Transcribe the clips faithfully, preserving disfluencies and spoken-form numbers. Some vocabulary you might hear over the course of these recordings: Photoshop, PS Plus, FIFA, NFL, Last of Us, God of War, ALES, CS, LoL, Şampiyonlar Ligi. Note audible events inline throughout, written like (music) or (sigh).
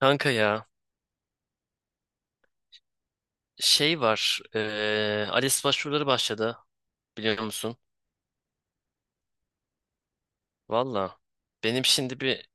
Kanka ya, şey var eee A L E S başvuruları başladı, biliyor musun? Valla benim şimdi bir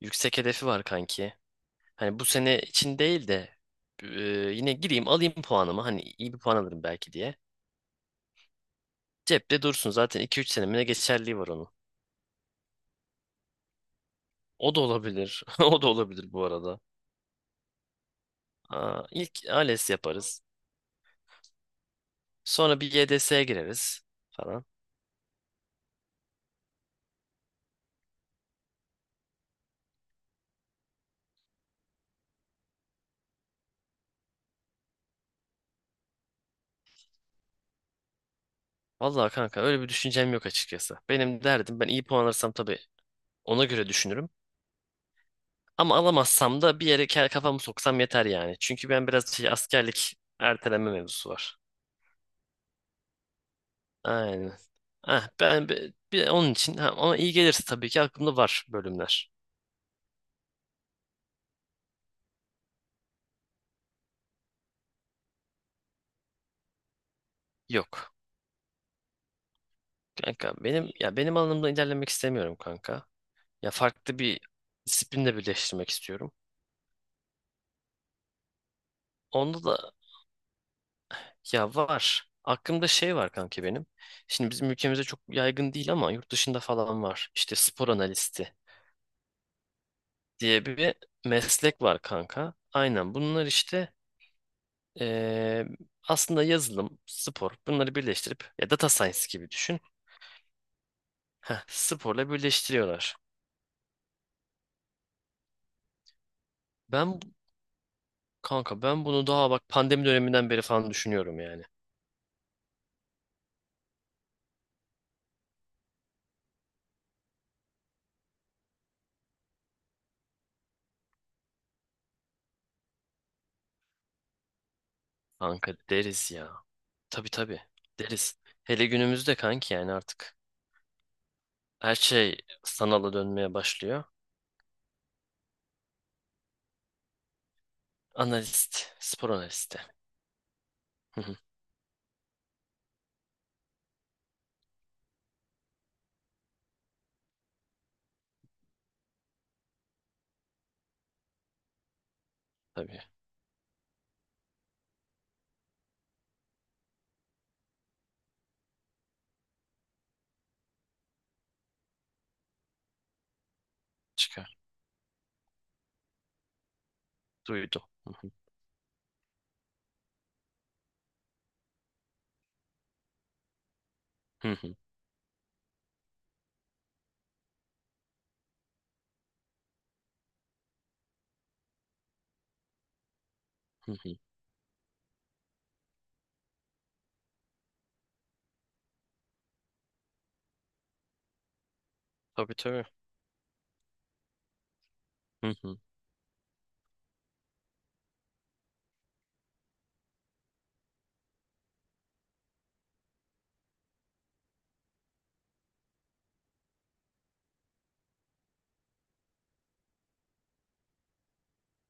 yüksek hedefi var kanki. Hani bu sene için değil de, eee, yine gireyim alayım puanımı, hani iyi bir puan alırım belki diye. Cepte dursun, zaten iki üç senemine geçerliği var onun. O da olabilir (laughs) o da olabilir bu arada. Aa, ilk A L E S yaparız, sonra bir Y D S'ye gireriz falan. Valla kanka, öyle bir düşüncem yok açıkçası. Benim derdim, ben iyi puan alırsam tabii ona göre düşünürüm. Ama alamazsam da bir yere ke- kafamı soksam yeter yani. Çünkü ben biraz şey, askerlik erteleme mevzusu var. Aynen. Ah, ben bi- bir, onun için ha, ama iyi gelirse tabii ki aklımda var bölümler. Yok. Kanka benim, ya benim alanımda ilerlemek istemiyorum kanka. Ya farklı bir disiplinle birleştirmek istiyorum. Onda da ya var. Aklımda şey var kanka benim. Şimdi bizim ülkemizde çok yaygın değil ama yurt dışında falan var. İşte spor analisti diye bir meslek var kanka. Aynen bunlar işte, eee, aslında yazılım, spor, bunları birleştirip ya data science gibi düşün. Heh, sporla birleştiriyorlar. Ben kanka ben bunu daha bak pandemi döneminden beri falan düşünüyorum yani. Kanka deriz ya. Tabii tabii deriz. Hele günümüzde kanki, yani artık her şey sanala dönmeye başlıyor. Analist, spor analisti. Hı hı. Tabii çıkar. Duydum. Hı hı. Hı hı. Hı hı. Tabii tabii. Hı hı.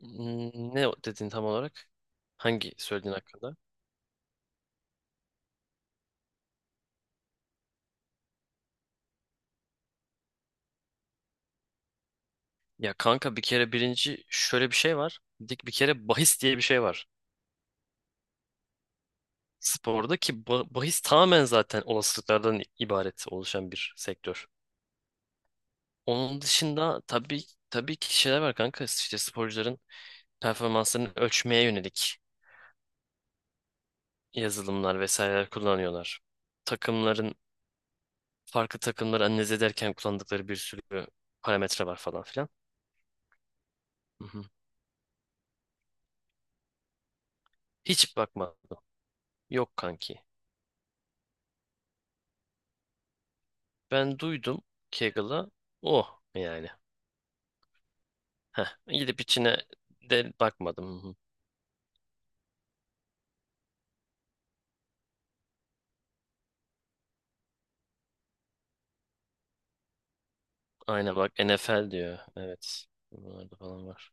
Hmm, ne dedin tam olarak? Hangi söylediğin hakkında? Ya kanka, bir kere birinci şöyle bir şey var. Dik bir kere bahis diye bir şey var. Sporda ki ba- bahis tamamen zaten olasılıklardan ibaret oluşan bir sektör. Onun dışında tabii tabii ki şeyler var kanka. İşte sporcuların performanslarını ölçmeye yönelik yazılımlar vesaireler kullanıyorlar. Takımların farklı takımları analiz ederken kullandıkları bir sürü parametre var falan filan. Hı hı. Hiç bakmadım. Yok kanki. Ben duydum Kaggle'ı. Oh yani. Heh, gidip içine de bakmadım. Hı hı. Aynen bak, N F L diyor. Evet. Bunlarda falan var.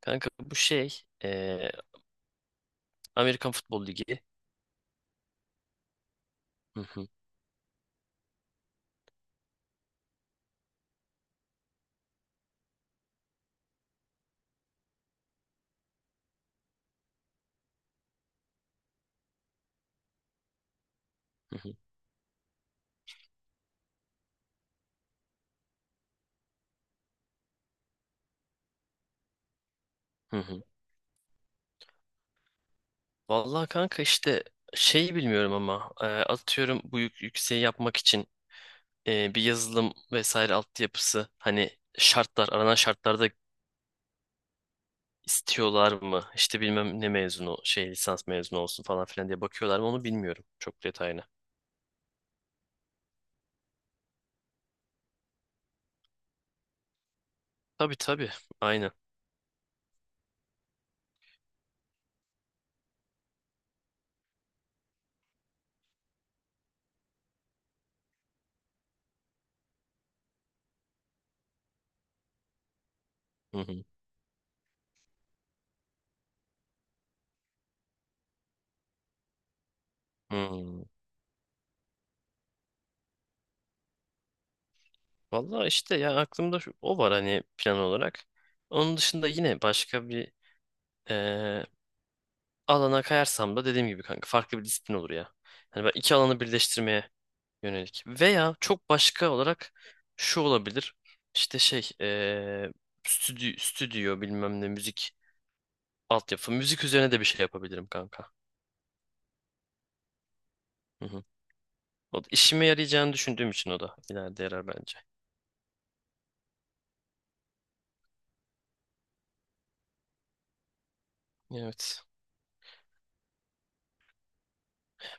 Kanka bu şey, eee, Amerikan Futbol Ligi. Hı hı. Hı hı. Hı hı. Vallahi kanka işte şeyi bilmiyorum ama eee, atıyorum, bu yük yükseği yapmak için, eee, bir yazılım vesaire altyapısı, hani şartlar, aranan şartlarda istiyorlar mı? İşte bilmem ne mezunu, şey lisans mezunu olsun falan filan diye bakıyorlar mı, onu bilmiyorum çok detaylı. Tabii tabii. Aynen. Hı hı. Hmm. Vallahi işte ya, aklımda şu- o var hani plan olarak. Onun dışında yine başka bir, eee, alana kayarsam da dediğim gibi kanka, farklı bir disiplin olur ya. Hani ben iki alanı birleştirmeye yönelik. Veya çok başka olarak şu olabilir. İşte şey, eee stüdyo, stüdyo bilmem ne müzik altyapı. Müzik üzerine de bir şey yapabilirim kanka. Hı hı. O da işime yarayacağını düşündüğüm için, o da ileride yarar bence. Evet.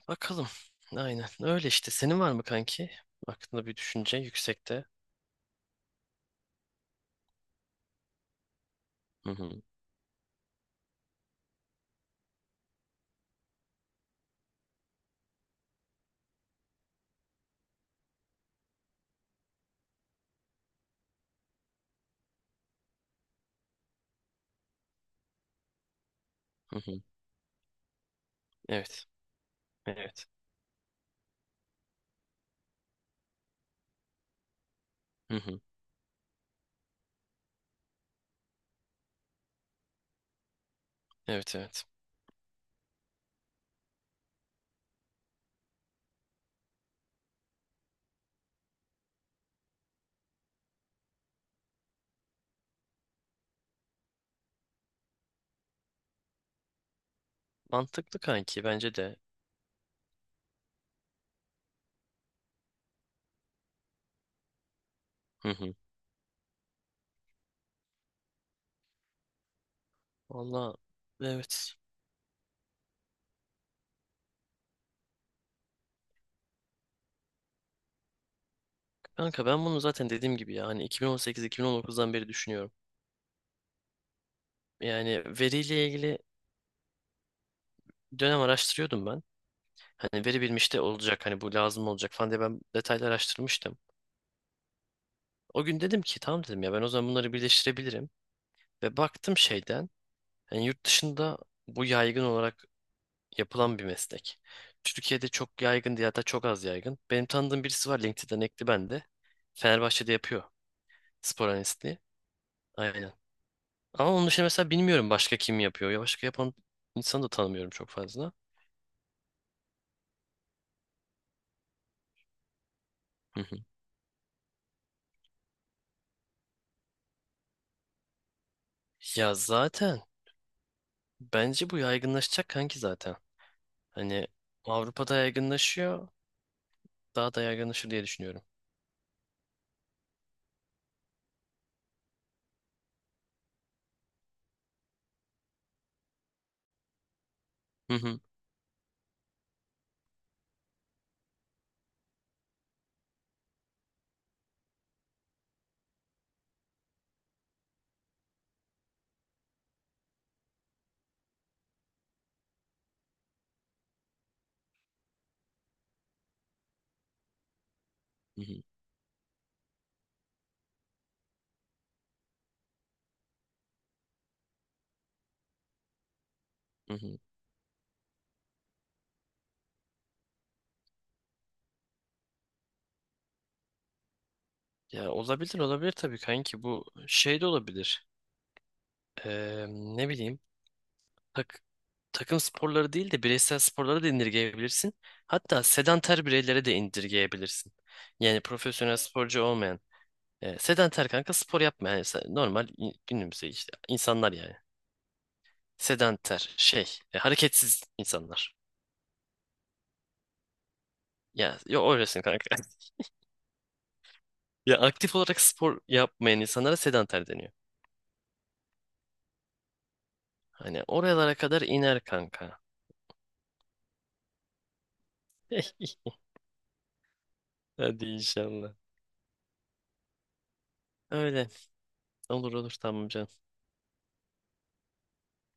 Bakalım. Aynen. Öyle işte. Senin var mı kanki? Aklında bir düşünce yüksekte. Hı hı. Hı hı. Evet. Evet. Hı hı. Evet evet. Mantıklı kanki, bence de. Hı hı. Valla evet. Kanka ben bunu zaten dediğim gibi yani iki bin on sekiz iki bin on dokuzdan beri düşünüyorum. Yani veriyle ilgili dönem araştırıyordum ben. Hani veri bilmiş de olacak, hani bu lazım olacak falan diye ben detaylı araştırmıştım. O gün dedim ki tamam, dedim ya ben o zaman bunları birleştirebilirim. Ve baktım şeyden, yani yurt dışında bu yaygın olarak yapılan bir meslek. Türkiye'de çok yaygın diye, hatta çok az yaygın. Benim tanıdığım birisi var, LinkedIn'den ekli bende. Fenerbahçe'de yapıyor spor analistliği. Aynen. Ama onun dışında mesela bilmiyorum başka kim yapıyor. Ya başka yapan insanı da tanımıyorum çok fazla. Hı hı. Ya zaten bence bu yaygınlaşacak kanki zaten. Hani Avrupa'da yaygınlaşıyor. Daha da yaygınlaşır diye düşünüyorum. Hı hı. Hı hı. Hı hı. Ya olabilir, olabilir tabii kanki, bu şey de olabilir. Ee, ne bileyim, tak, takım sporları değil de bireysel sporlara da indirgeyebilirsin. Hatta sedanter bireylere de indirgeyebilirsin. Yani profesyonel sporcu olmayan. E, sedanter kanka, spor yapmayan insan- normal i- günümüzde işte insanlar yani. Sedanter şey, e, hareketsiz insanlar. Ya yo, öylesin kanka. (laughs) Ya aktif olarak spor yapmayan insanlara sedanter deniyor. Hani oralara kadar iner kanka. (laughs) Hadi inşallah. Öyle. Olur olur, tamam canım.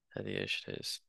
Hadi görüşürüz.